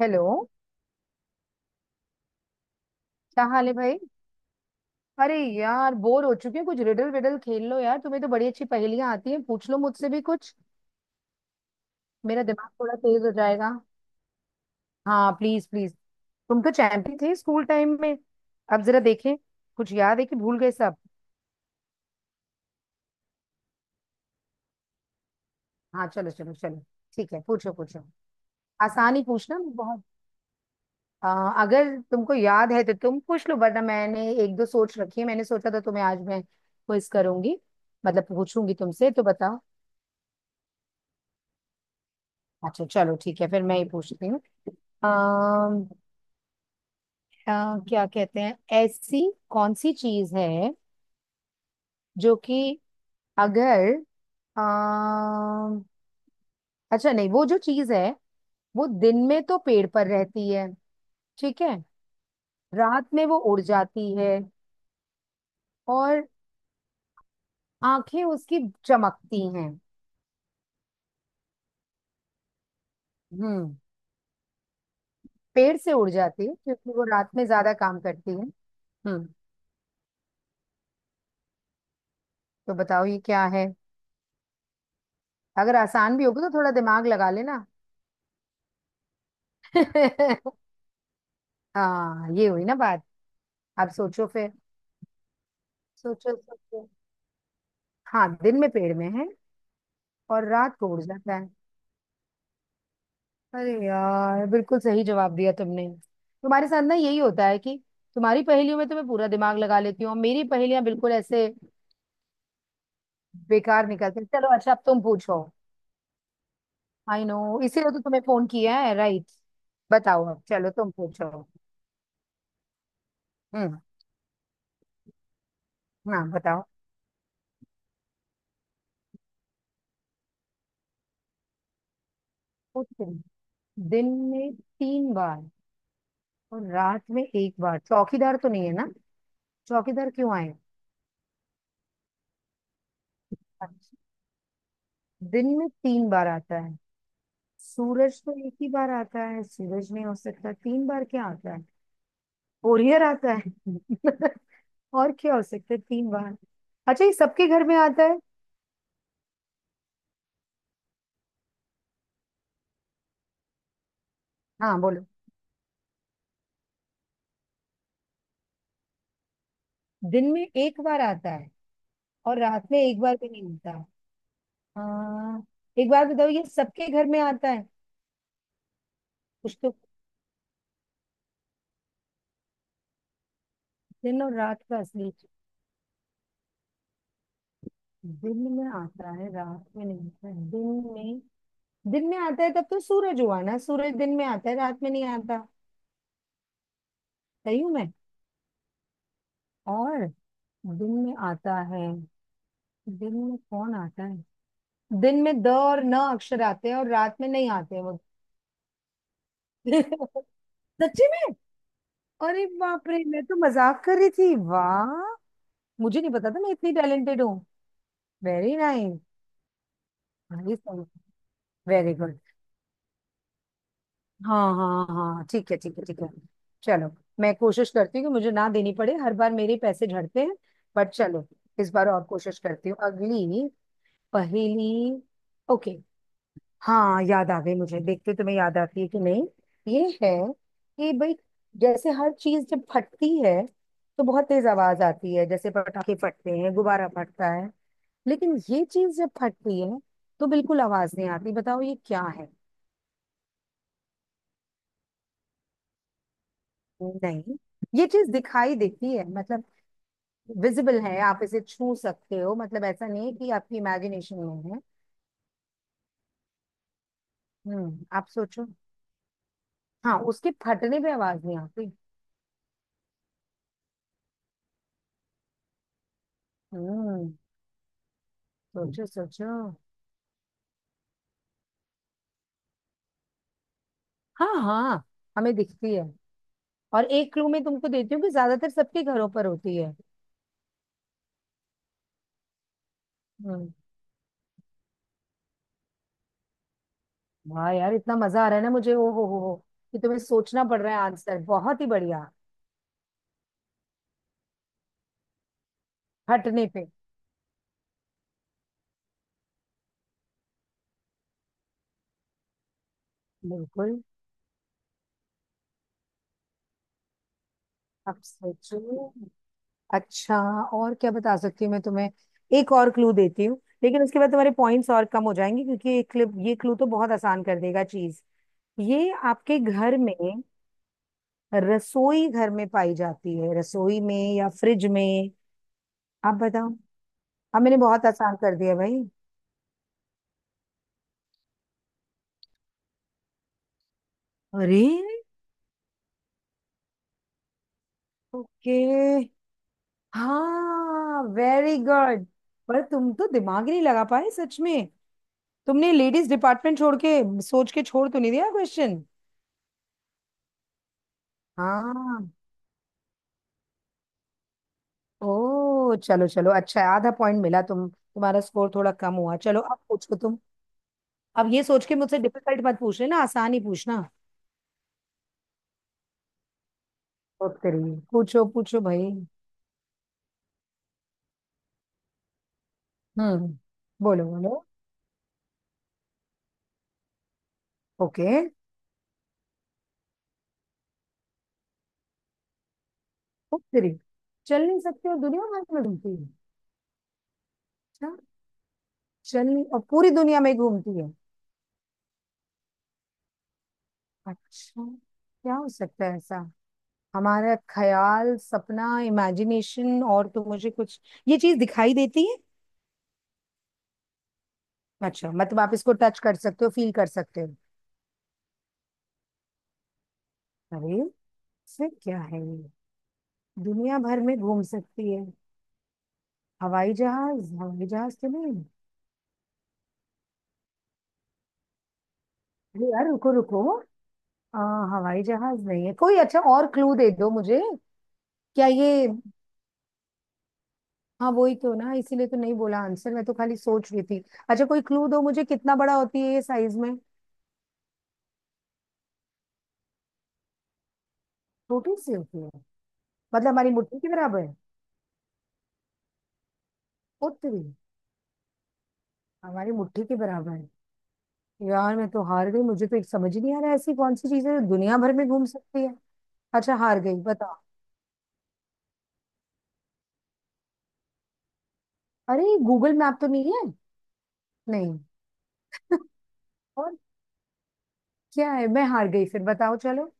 Hello. क्या हाल है भाई। अरे यार, बोर हो चुके हैं, कुछ रिडल विडल खेल लो। यार तुम्हें तो बड़ी अच्छी पहेलियां आती हैं, पूछ लो मुझसे भी कुछ। मेरा दिमाग थोड़ा तेज हो जाएगा। हाँ प्लीज प्लीज। तुम तो चैंपियन थे स्कूल टाइम में। अब जरा देखें, कुछ याद है कि भूल गए सब। हाँ, चलो चलो चलो। ठीक है, पूछो पूछो। आसान ही पूछना, मैं बहुत अगर तुमको याद है तो तुम पूछ लो, वरना मैंने एक दो सोच रखी है। मैंने सोचा था तुम्हें आज मैं क्विज करूंगी, मतलब पूछूंगी तुमसे, तो बताओ। अच्छा चलो ठीक है, फिर मैं ही पूछती हूँ। अम, क्या कहते हैं, ऐसी कौन सी चीज है जो कि अगर अम, अच्छा नहीं, वो जो चीज है, वो दिन में तो पेड़ पर रहती है। ठीक है, रात में वो उड़ जाती है। और आंखें उसकी चमकती हैं। हम्म पेड़ से उड़ जाती है क्योंकि वो रात में ज्यादा काम करती है। हम्म तो बताओ ये क्या है। अगर आसान भी होगा तो थोड़ा दिमाग लगा लेना। हाँ, ये हुई ना बात। आप सोचो फिर। सोचो सोचो। हाँ, दिन में पेड़ में है और रात को उड़ जाता है। अरे यार, बिल्कुल सही जवाब दिया तुमने। तुम्हारे साथ ना यही होता है कि तुम्हारी पहेलियों में तो मैं पूरा दिमाग लगा लेती हूँ, और मेरी पहेलियां बिल्कुल ऐसे बेकार निकलती हैं। चलो अच्छा, अब तुम पूछो। आई नो, इसीलिए तो तुम्हें फोन किया है राइट। बताओ अब, चलो तुम पूछो। हम्म। हाँ बताओ। पूछते हैं। दिन में तीन बार और रात में एक बार, चौकीदार तो नहीं है ना। चौकीदार क्यों आए। दिन में तीन बार आता है, सूरज तो एक ही बार आता है, सूरज नहीं हो सकता। तीन बार क्या आता है? ओरियर आता है। और क्या हो सकता है तीन बार? अच्छा, ये सबके घर में आता है? हाँ बोलो। दिन में एक बार आता है और रात में एक बार भी नहीं आता। हाँ। एक बार बताओ, ये सबके घर में आता है? कुछ तो दिन और रात का असली। दिन में आता है, रात में नहीं आता है। दिन में, दिन में आता है, तब तो सूरज हुआ ना, सूरज दिन में आता है रात में नहीं आता। सही हूँ मैं? और दिन में आता है, दिन में कौन आता है? दिन में द और न अक्षर आते हैं और रात में नहीं आते वो। सच्ची में? अरे बाप रे, मैं तो मजाक कर रही थी। वाह, मुझे नहीं पता था मैं इतनी टैलेंटेड हूँ। Very nice. Very good. हाँ हाँ हाँ हाँ। ठीक है ठीक है ठीक है। चलो, मैं कोशिश करती हूँ कि मुझे ना देनी पड़े, हर बार मेरे पैसे झड़ते हैं। बट चलो, इस बार और कोशिश करती हूँ। अगली पहेली। ओके। हाँ, याद आ गई मुझे, देखते तुम्हें याद आती है कि नहीं। ये है कि भाई, जैसे हर चीज जब फटती है तो बहुत तेज आवाज आती है, जैसे पटाखे फटते हैं, गुब्बारा फटता है। लेकिन ये चीज जब फटती है तो बिल्कुल आवाज नहीं आती, बताओ ये क्या है। नहीं। ये चीज दिखाई देती है, मतलब विजिबल है, आप इसे छू सकते हो, मतलब ऐसा नहीं है कि आपकी इमेजिनेशन में है। आप सोचो। हाँ, उसके फटने पे आवाज नहीं आती। हम्म सोचो सोचो। हाँ हाँ, हमें दिखती है। और एक क्लू मैं तुमको देती हूँ, कि ज्यादातर सबके घरों पर होती है। हम्म वाह यार, इतना मजा आ रहा है ना मुझे, ओ हो, कि तुम्हें सोचना पड़ रहा है आंसर। बहुत ही बढ़िया। हटने पे बिल्कुल। अब सोचो। अच्छा, और क्या बता सकती हूँ मैं तुम्हें, एक और क्लू देती हूँ, लेकिन उसके बाद तुम्हारे पॉइंट्स और कम हो जाएंगे क्योंकि ये क्लिप, ये क्लू तो बहुत आसान कर देगा चीज। ये आपके घर में, रसोई घर में पाई जाती है, रसोई में या फ्रिज में। आप बताओ। हाँ, मैंने बहुत आसान कर दिया भाई। अरे। ओके। हाँ, वेरी गुड। पर तुम तो दिमाग ही नहीं लगा पाए, सच में। तुमने लेडीज डिपार्टमेंट छोड़ के सोच के छोड़ तो नहीं दिया क्वेश्चन? हाँ। ओ चलो चलो, अच्छा है, आधा पॉइंट मिला तुम, तुम्हारा स्कोर थोड़ा कम हुआ। चलो, अब पूछो तुम। अब ये सोच के मुझसे डिफिकल्ट मत पूछ लेना, आसान ही पूछना। ओ तेरी। पूछो पूछो भाई। हम्म। बोलो बोलो। ओके। ओ तेरी, चल नहीं सकते हो, दुनिया भर में घूमती। अच्छा। चलिए, और पूरी दुनिया में घूमती है। अच्छा, क्या हो सकता है ऐसा? हमारा ख्याल, सपना, इमेजिनेशन, और तो मुझे कुछ। ये चीज दिखाई देती है? अच्छा, मतलब आप इसको टच कर सकते हो, फील कर सकते हो। अरे, फिर क्या है ये? दुनिया भर में घूम सकती है। हवाई जहाज, हवाई जहाज तो नहीं। अरे यार, रुको रुको। आ, हवाई जहाज नहीं है कोई, अच्छा और क्लू दे दो मुझे। क्या ये। हाँ वही तो ना, इसीलिए तो नहीं बोला आंसर, मैं तो खाली सोच रही थी। अच्छा कोई क्लू दो मुझे, कितना बड़ा होती है ये साइज में? छोटी सी होती है। मतलब हमारी मुट्ठी के बराबर है उतनी। हमारी मुट्ठी के बराबर है। यार मैं तो हार गई, मुझे तो एक समझ ही नहीं आ रहा है, ऐसी कौन सी चीज है जो दुनिया भर में घूम सकती है। अच्छा, हार गई, बताओ। अरे गूगल मैप तो नहीं है? नहीं। और क्या है? मैं हार गई, फिर बताओ चलो।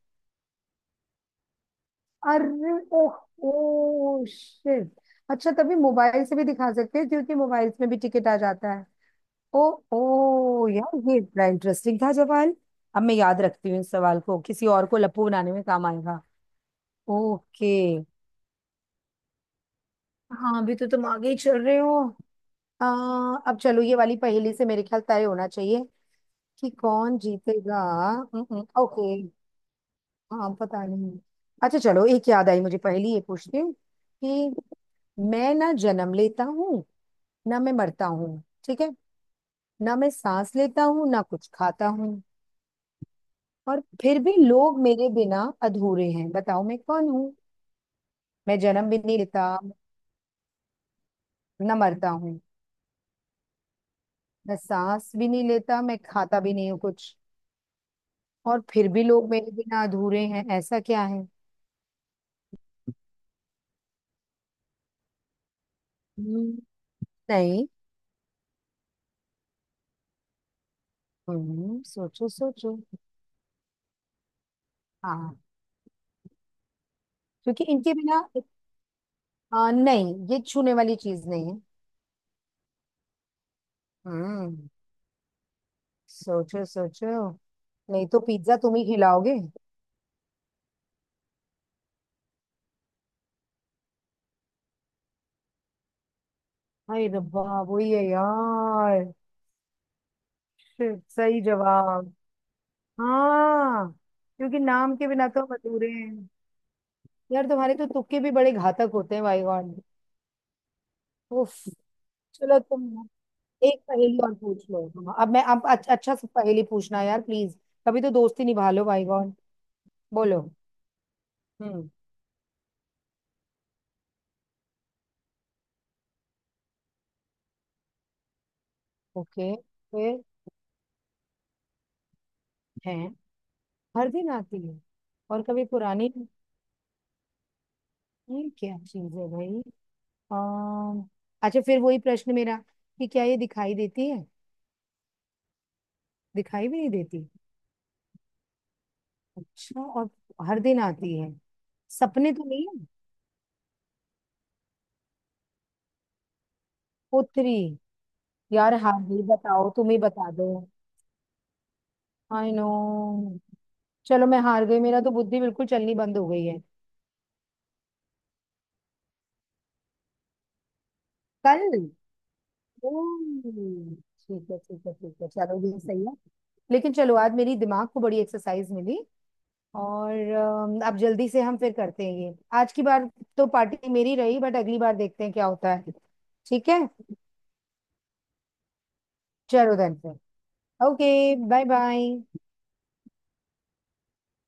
अरे, ओह, ओ शिट। अच्छा, तभी मोबाइल से भी दिखा सकते हैं क्योंकि मोबाइल्स में भी टिकट आ जाता है। ओ, ओ यार, ये बड़ा इंटरेस्टिंग था सवाल। अब मैं याद रखती हूँ इस सवाल को, किसी और को लप्पू बनाने में काम आएगा। ओके। हाँ, अभी तो तुम आगे ही चल रहे हो। आ, अब चलो, ये वाली पहेली से मेरे ख्याल तय होना चाहिए कि कौन जीतेगा। ओके। हाँ, पता नहीं। अच्छा चलो, एक याद आई मुझे पहेली, ये पूछती हूँ कि मैं ना जन्म लेता हूँ, ना मैं मरता हूँ, ठीक है? ना मैं सांस लेता हूँ, ना कुछ खाता हूँ। और फिर भी लोग मेरे बिना अधूरे हैं, बताओ मैं कौन हूँ। मैं जन्म भी नहीं लेता, न मरता हूँ। मैं सांस भी नहीं लेता, मैं खाता भी नहीं हूँ कुछ। और फिर भी लोग मेरे बिना अधूरे हैं, ऐसा क्या है? हम्म, नहीं। सोचो सोचो। हाँ, क्योंकि इनके बिना नहीं, ये छूने वाली चीज नहीं है। हम्म सोचो सोचो। नहीं तो पिज्जा तुम ही खिलाओगे। हाय रब्बा, वही है यार। शिट, सही जवाब। हाँ, क्योंकि नाम के बिना तो हम अधूरे हैं। यार तुम्हारे तो तुक्के भी बड़े घातक होते हैं, माय गॉड। उफ। चलो तुम एक पहेली और पूछ लो तुम। अब मैं, अब अच्छा, अच्छा सा पहेली पूछना यार प्लीज। कभी तो दोस्ती निभा लो माय गॉड। बोलो। हम्म। ओके। फिर है, हर दिन आती है और कभी पुरानी नहीं। ये क्या चीज है भाई? अम्म, अच्छा, फिर वही प्रश्न मेरा, कि क्या ये दिखाई देती है? दिखाई भी नहीं देती। अच्छा, और हर दिन आती है। सपने तो नहीं है? पुत्री। यार हार गई, बताओ तुम ही बता दो। I know. चलो मैं हार गई, मेरा तो बुद्धि बिल्कुल चलनी बंद हो गई है। कल। ओह, ठीक है ठीक है ठीक है, चलो ये सही है। लेकिन चलो, आज मेरी दिमाग को बड़ी एक्सरसाइज मिली। और अब जल्दी से हम फिर करते हैं ये आज की बार। तो पार्टी मेरी रही, बट अगली बार देखते हैं क्या होता है। ठीक है। चलो देन फिर। ओके। Bye bye.